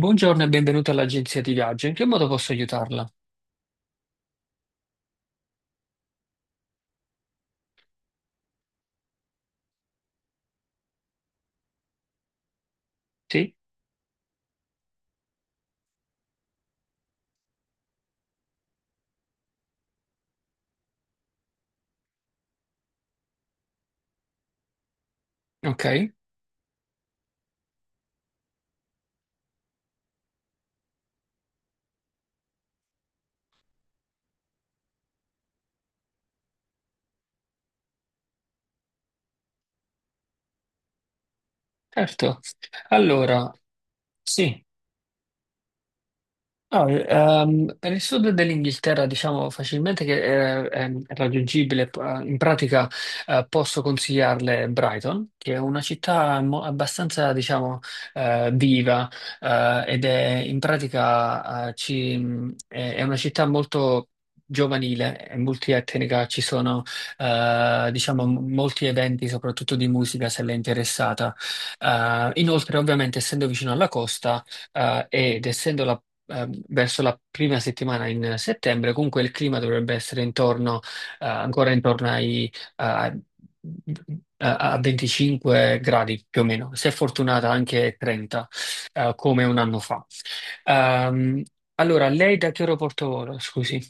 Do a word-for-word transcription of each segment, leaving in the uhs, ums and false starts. Buongiorno e benvenuto all'agenzia di viaggio. In che modo posso aiutarla? Sì? Ok, certo. Allora, sì. No, ehm, nel sud dell'Inghilterra diciamo facilmente che eh, è, è raggiungibile, p- eh, in pratica eh, posso consigliarle Brighton, che è una città mo- abbastanza diciamo eh, viva eh, ed è in pratica eh, ci- mh, è, è una città molto giovanile, è multietnica, ci sono eh, diciamo m- molti eventi soprattutto di musica se l'è interessata. Eh, inoltre ovviamente essendo vicino alla costa eh, ed essendo la eh, verso la prima settimana in settembre, comunque il clima dovrebbe essere intorno, eh, ancora intorno ai, eh, a a venticinque gradi più o meno, se fortunata anche trenta, eh, come un anno fa. Ehm, allora, lei da che aeroporto vola, scusi?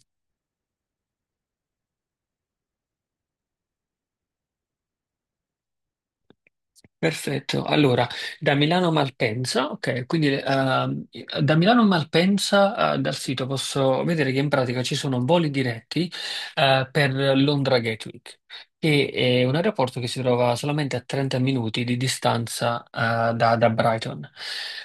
Perfetto, allora da Milano a Malpensa, ok, quindi ehm, da Milano a Malpensa eh, dal sito posso vedere che in pratica ci sono voli diretti eh, per Londra Gatwick, che è un aeroporto che si trova solamente a trenta minuti di distanza eh, da, da Brighton.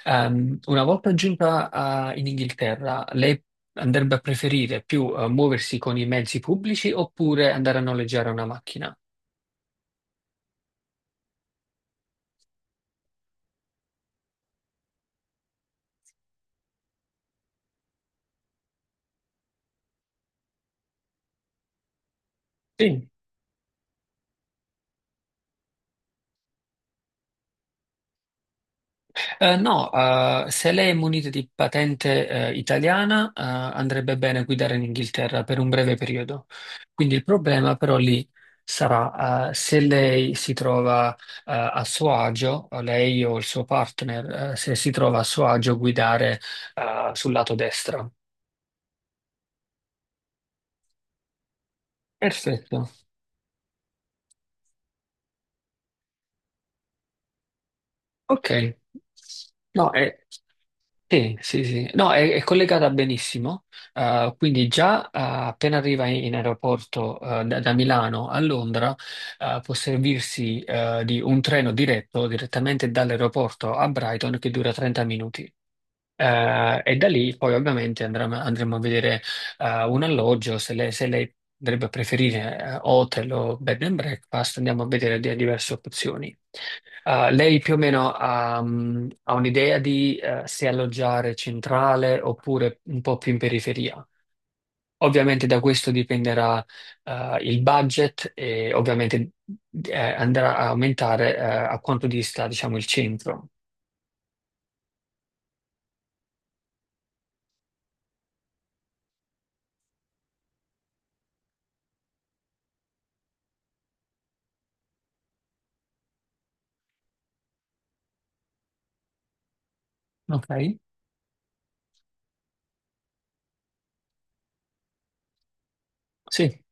Ehm, una volta giunta eh, in Inghilterra, lei andrebbe a preferire più eh, muoversi con i mezzi pubblici oppure andare a noleggiare una macchina? Sì. Eh, no, eh, se lei è munita di patente, eh, italiana, eh, andrebbe bene guidare in Inghilterra per un breve periodo. Quindi il problema però lì sarà, eh, se lei si trova, eh, a suo agio, o lei o il suo partner, eh, se si trova a suo agio a guidare, eh, sul lato destro. Perfetto. Ok. No, è. Sì, sì, sì. No, è, è collegata benissimo. Eh, quindi già eh, appena arriva in in aeroporto eh, da, da Milano a Londra, eh, può servirsi eh, di un treno diretto direttamente dall'aeroporto a Brighton che dura trenta minuti. Eh, e da lì poi ovviamente andremo, andremo a vedere eh, un alloggio, se lei, se lei dovrebbe preferire eh, hotel o bed and breakfast, andiamo a vedere di- diverse opzioni. Eh, lei più o meno ha, mm, ha un'idea di eh, se alloggiare centrale oppure un po' più in periferia. Ovviamente da questo dipenderà eh, il budget e ovviamente eh, andrà a aumentare eh, a quanto dista, diciamo, il centro. Ok? Sì,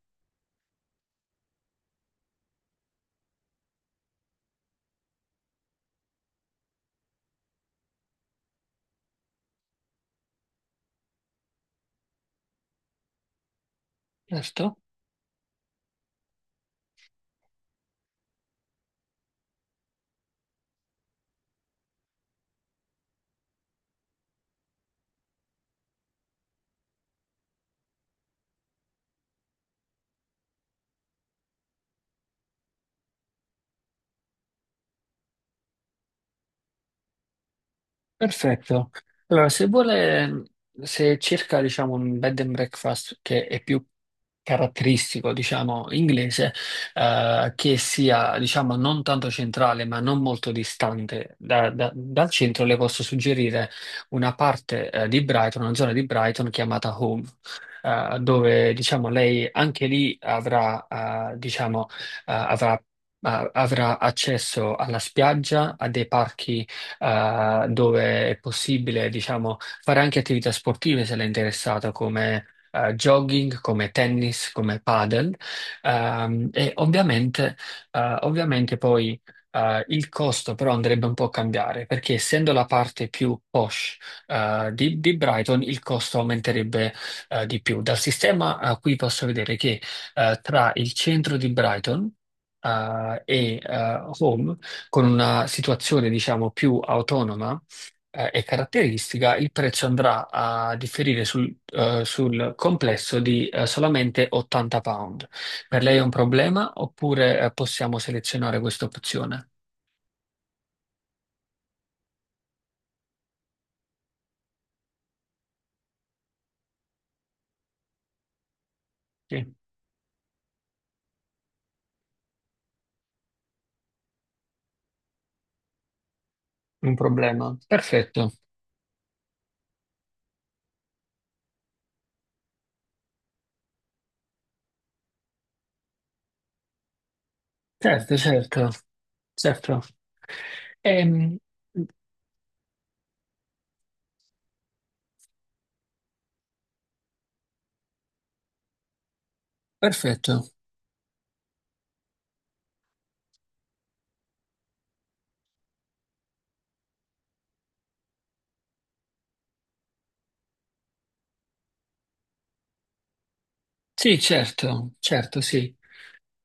certo. Perfetto. Allora, se vuole, se cerca, diciamo, un bed and breakfast che è più caratteristico, diciamo, inglese, eh, che sia, diciamo, non tanto centrale, ma non molto distante da- da- dal centro, le posso suggerire una parte, eh, di Brighton, una zona di Brighton chiamata Home. eh, dove diciamo lei anche lì avrà, eh, diciamo, eh, avrà, eh, avrà accesso alla spiaggia, a dei parchi eh, dove è possibile, diciamo, fare anche attività sportive se l'è interessato, come eh, jogging, come tennis, come padel. Ehm, e ovviamente, eh, ovviamente poi eh, il costo però andrebbe un po' a cambiare, perché essendo la parte più posh eh, di, di Brighton, il costo aumenterebbe eh, di più. Dal sistema eh, qui posso vedere che eh, tra il centro di Brighton eh, e eh, Home con una situazione, diciamo, più autonoma, eh, e caratteristica, il prezzo andrà a differire sul, eh, sul complesso di, eh, solamente ottanta pound. Per lei è un problema oppure, eh, possiamo selezionare questa opzione? Sì, un problema. Perfetto. Certo, certo, certo. Ehm, perfetto. Sì, certo, certo, sì.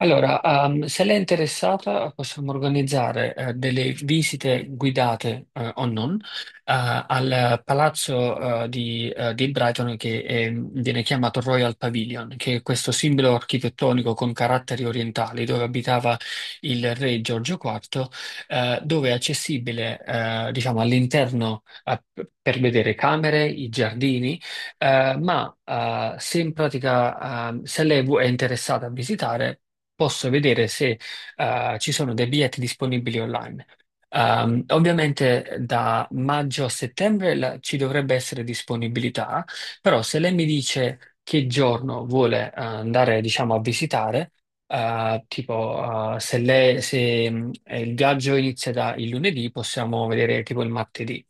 Allora, ehm, se lei è interessata, possiamo organizzare eh, delle visite guidate eh, o non eh, al palazzo eh, di, eh, di Brighton che è- viene chiamato Royal Pavilion, che è questo simbolo architettonico con caratteri orientali dove abitava il re Giorgio quarto, eh, dove è accessibile eh, diciamo, all'interno eh, per vedere camere, i giardini. Eh, ma eh, se in pratica ehm, se lei vu- è interessata a visitare, posso vedere se eh, ci sono dei biglietti disponibili online. Ehm, ovviamente da maggio a settembre la- ci dovrebbe essere disponibilità, però se lei mi dice che giorno vuole eh, andare, diciamo, a visitare, eh, tipo eh, se, lei- se, mh, eh, il viaggio inizia da il lunedì, possiamo vedere tipo il martedì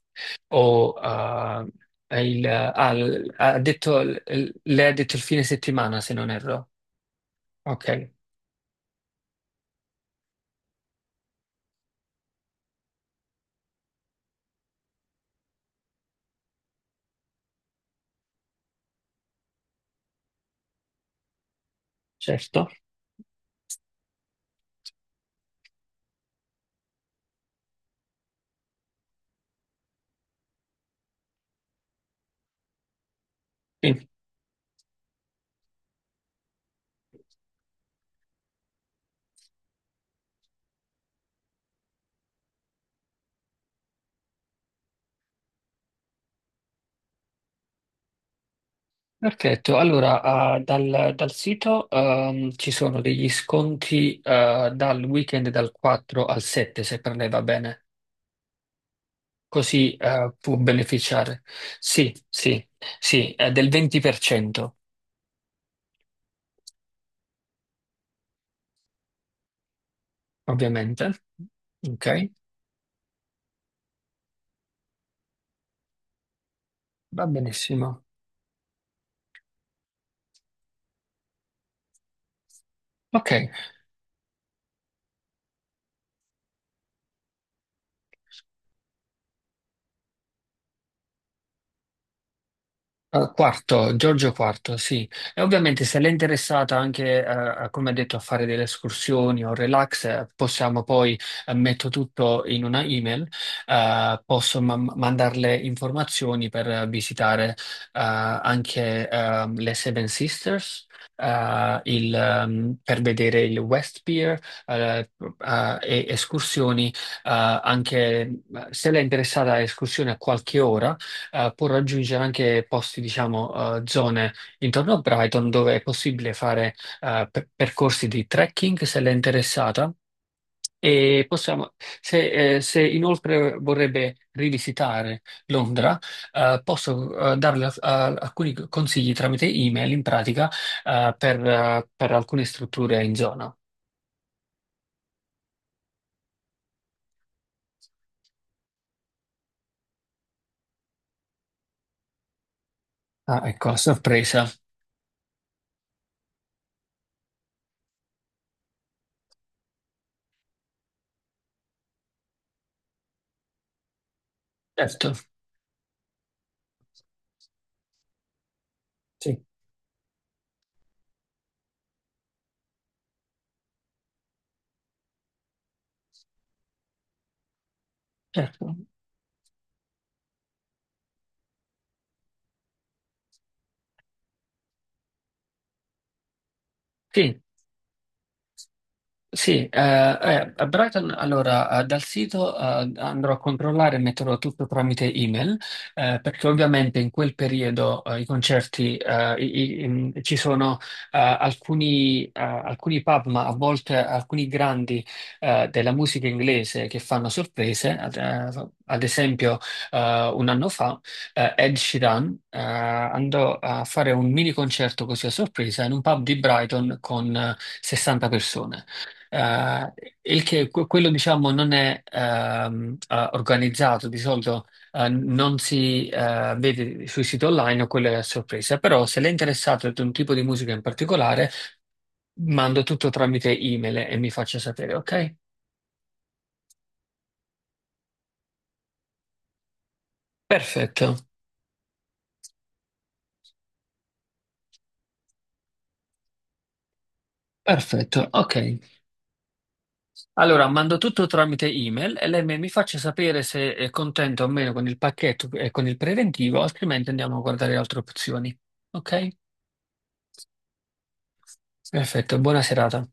o eh, il, ah, l- ha detto, l- lei ha detto il fine settimana, se non erro. Ok, certo. Sì, perfetto. Allora, eh, dal, dal sito ehm, ci sono degli sconti eh, dal weekend dal quattro al sette, se per lei va bene. Così eh, può beneficiare. Sì, sì, sì, eh, del venti per cento, ovviamente. Ok, va benissimo. Ok. Eh, Quarto, Giorgio Quarto, sì. E ovviamente se l'è interessata anche, eh, a- come ha detto, a fare delle escursioni o relax, eh, possiamo poi, eh, metto tutto in una email, eh, posso ma- mandarle informazioni per eh, visitare, eh, anche, ehm, le Seven Sisters, eh, il, ehm, per vedere il West Pier, eh, eh, e escursioni, eh, anche eh, se l'è interessata a escursioni a qualche ora eh, può raggiungere anche posti, diciamo, eh, zone intorno a Brighton dove è possibile fare eh, per- percorsi di trekking se l'è interessata. E possiamo, se, eh, se inoltre vorrebbe rivisitare Londra, eh, posso eh, darle a- a- alcuni consigli tramite email in pratica eh, per, eh, per alcune strutture in zona. Ah, ecco, a sorpresa. Certo, sì, certo. Sì. Sì, eh, eh, a Brighton, allora eh, dal sito eh, andrò a controllare e metterò tutto tramite email, eh, perché ovviamente in quel periodo eh, i concerti eh, i- i- in- ci sono eh, alcuni, eh, alcuni pub, ma a volte alcuni grandi eh, della musica inglese che fanno sorprese. Ad, eh, ad esempio, eh, un anno fa eh, Ed Sheeran eh, andò a fare un mini concerto così a sorpresa in un pub di Brighton con eh, sessanta persone. Eh, il che que- quello diciamo non è ehm, eh, organizzato, di solito eh, non si eh, vede sui siti online, o quello è a sorpresa, però se lei è interessato ad un tipo di musica in particolare, mando tutto tramite email e mi faccia sapere, ok? Perfetto, perfetto, ok. Allora mando tutto tramite email e lei mi mi faccia sapere se è contento o meno con il pacchetto e con il preventivo, altrimenti andiamo a guardare altre opzioni, ok? Perfetto, buona serata.